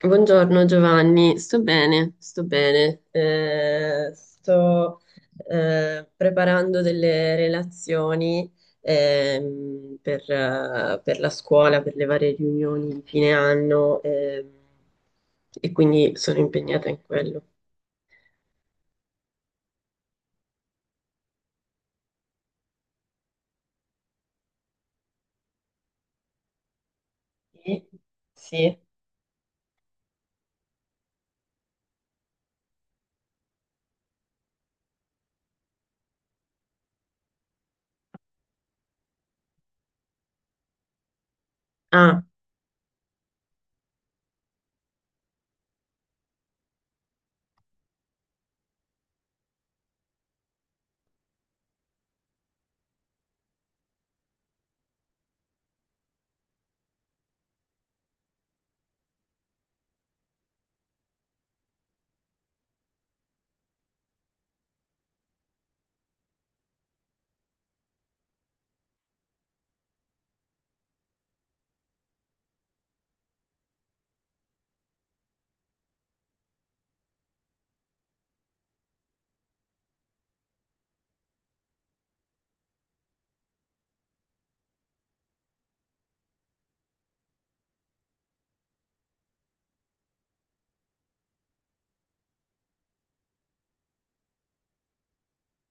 Buongiorno Giovanni, sto bene, sto bene. Sto preparando delle relazioni per la scuola, per le varie riunioni di fine anno e quindi sono impegnata in quello. Sì, sì. Ah,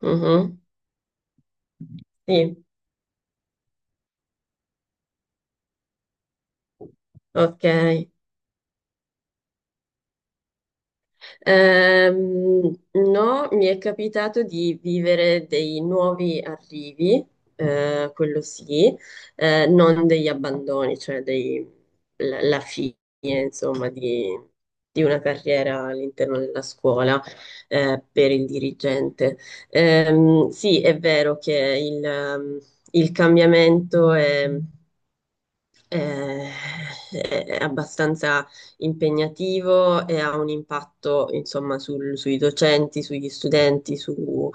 mhm, sì, ok. No, mi è capitato di vivere dei nuovi arrivi, quello sì, non degli abbandoni, cioè la fine, insomma, di una carriera all'interno della scuola, per il dirigente. Sì, è vero che il cambiamento eh, è abbastanza impegnativo e ha un impatto, insomma, sui docenti, sugli studenti, su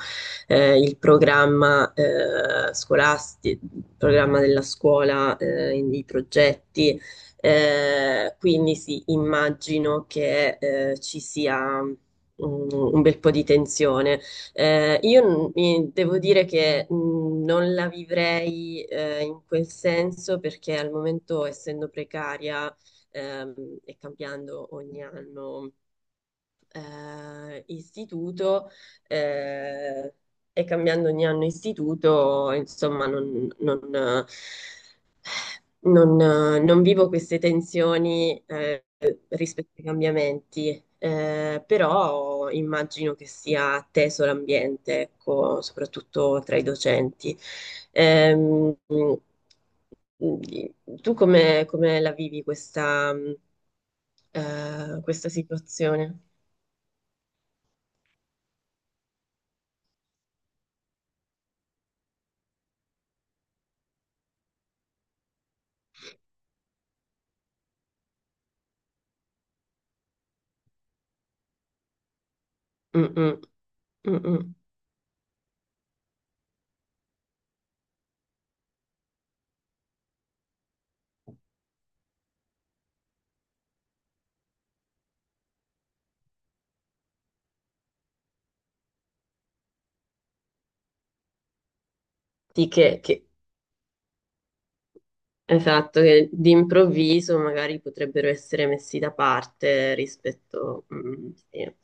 il programma scolastico, il programma della scuola, i progetti. Quindi sì, immagino che ci sia un bel po' di tensione. Io devo dire che non la vivrei in quel senso perché al momento, essendo precaria ehm, e cambiando ogni anno istituto, eh, e cambiando ogni anno istituto, insomma, non vivo queste tensioni rispetto ai cambiamenti, però immagino che sia teso l'ambiente, ecco, soprattutto tra i docenti. Ehm, Tu come la vivi questa situazione? Mm, mm, mm, mm. Sì, esatto, che d'improvviso magari potrebbero essere messi da parte rispetto, mm, sì.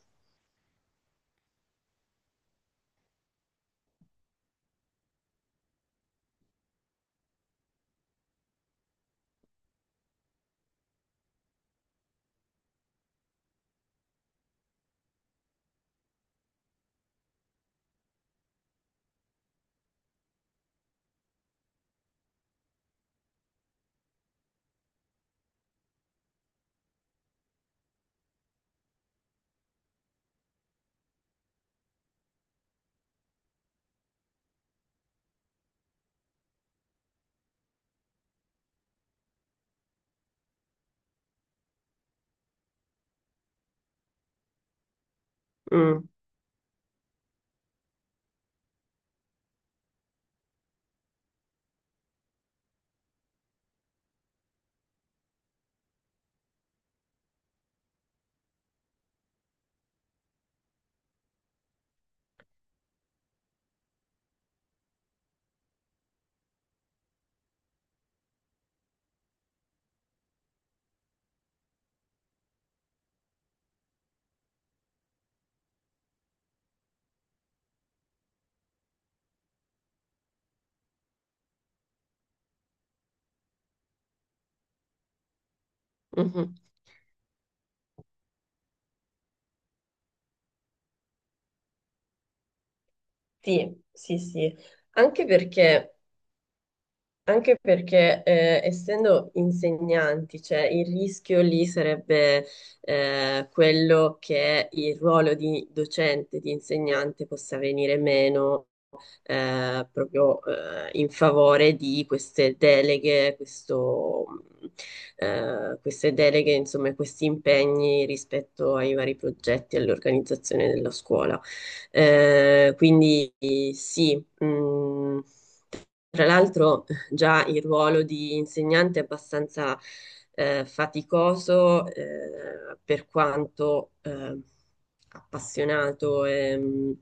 Mm. Mhm. Sì, sì, sì, anche perché, anche perché, essendo insegnanti, cioè il rischio lì sarebbe quello che il ruolo di docente, di insegnante possa venire meno proprio in favore di queste deleghe, queste deleghe, insomma, questi impegni rispetto ai vari progetti e all'organizzazione della scuola. Quindi sì. Tra l'altro, già il ruolo di insegnante è abbastanza faticoso, per quanto appassionato e,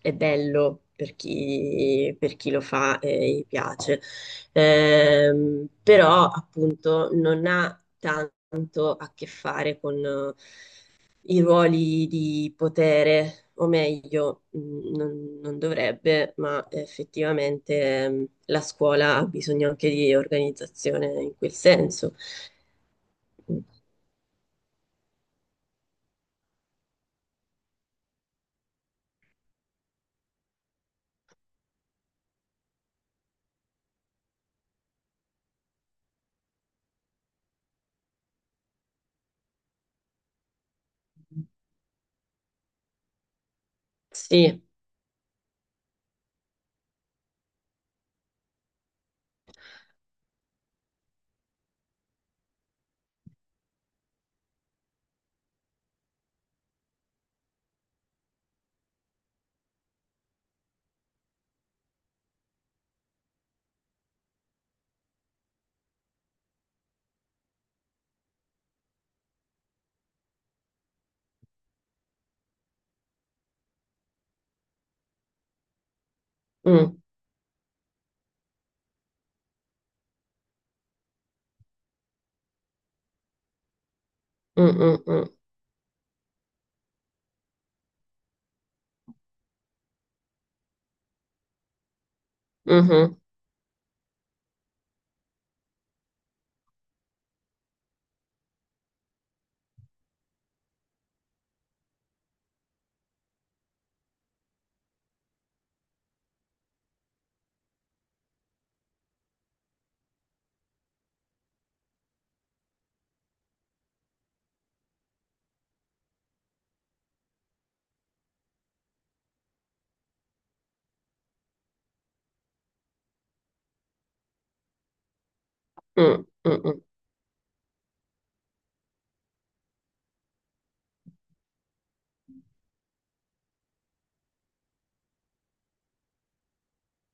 e bello per per chi lo fa e gli piace. Però, appunto, non ha tanto a che fare con i ruoli di potere, o meglio, non dovrebbe, ma effettivamente la scuola ha bisogno anche di organizzazione in quel senso. Mm. Sì. Mm, mm, mm, mm, mhm, mm, mm, mm. Mm.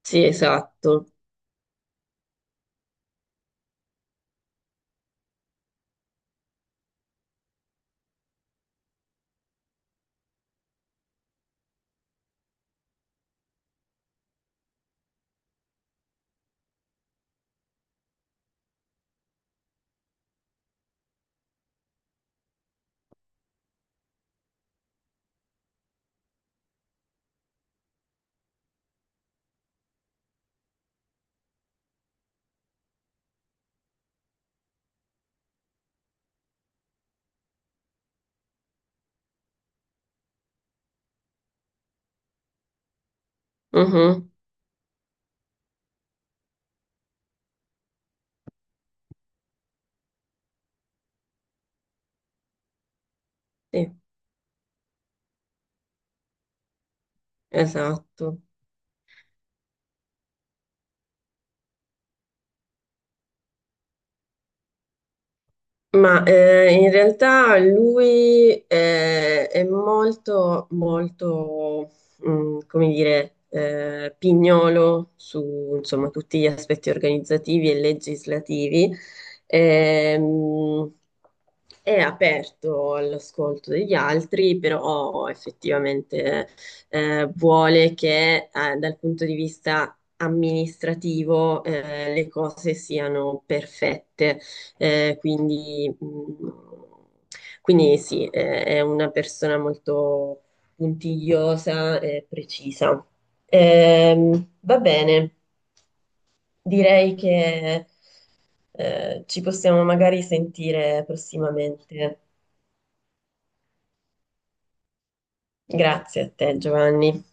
Sì, esatto. Mhm. Sì, esatto. Ma in realtà lui è molto, molto, come dire, pignolo su, insomma, tutti gli aspetti organizzativi e legislativi. Ehm, è aperto all'ascolto degli altri, però effettivamente vuole che dal punto di vista amministrativo le cose siano perfette. Eh, quindi, mh, quindi sì, è una persona molto puntigliosa e precisa. Va bene, direi che ci possiamo magari sentire prossimamente. Grazie a te, Giovanni.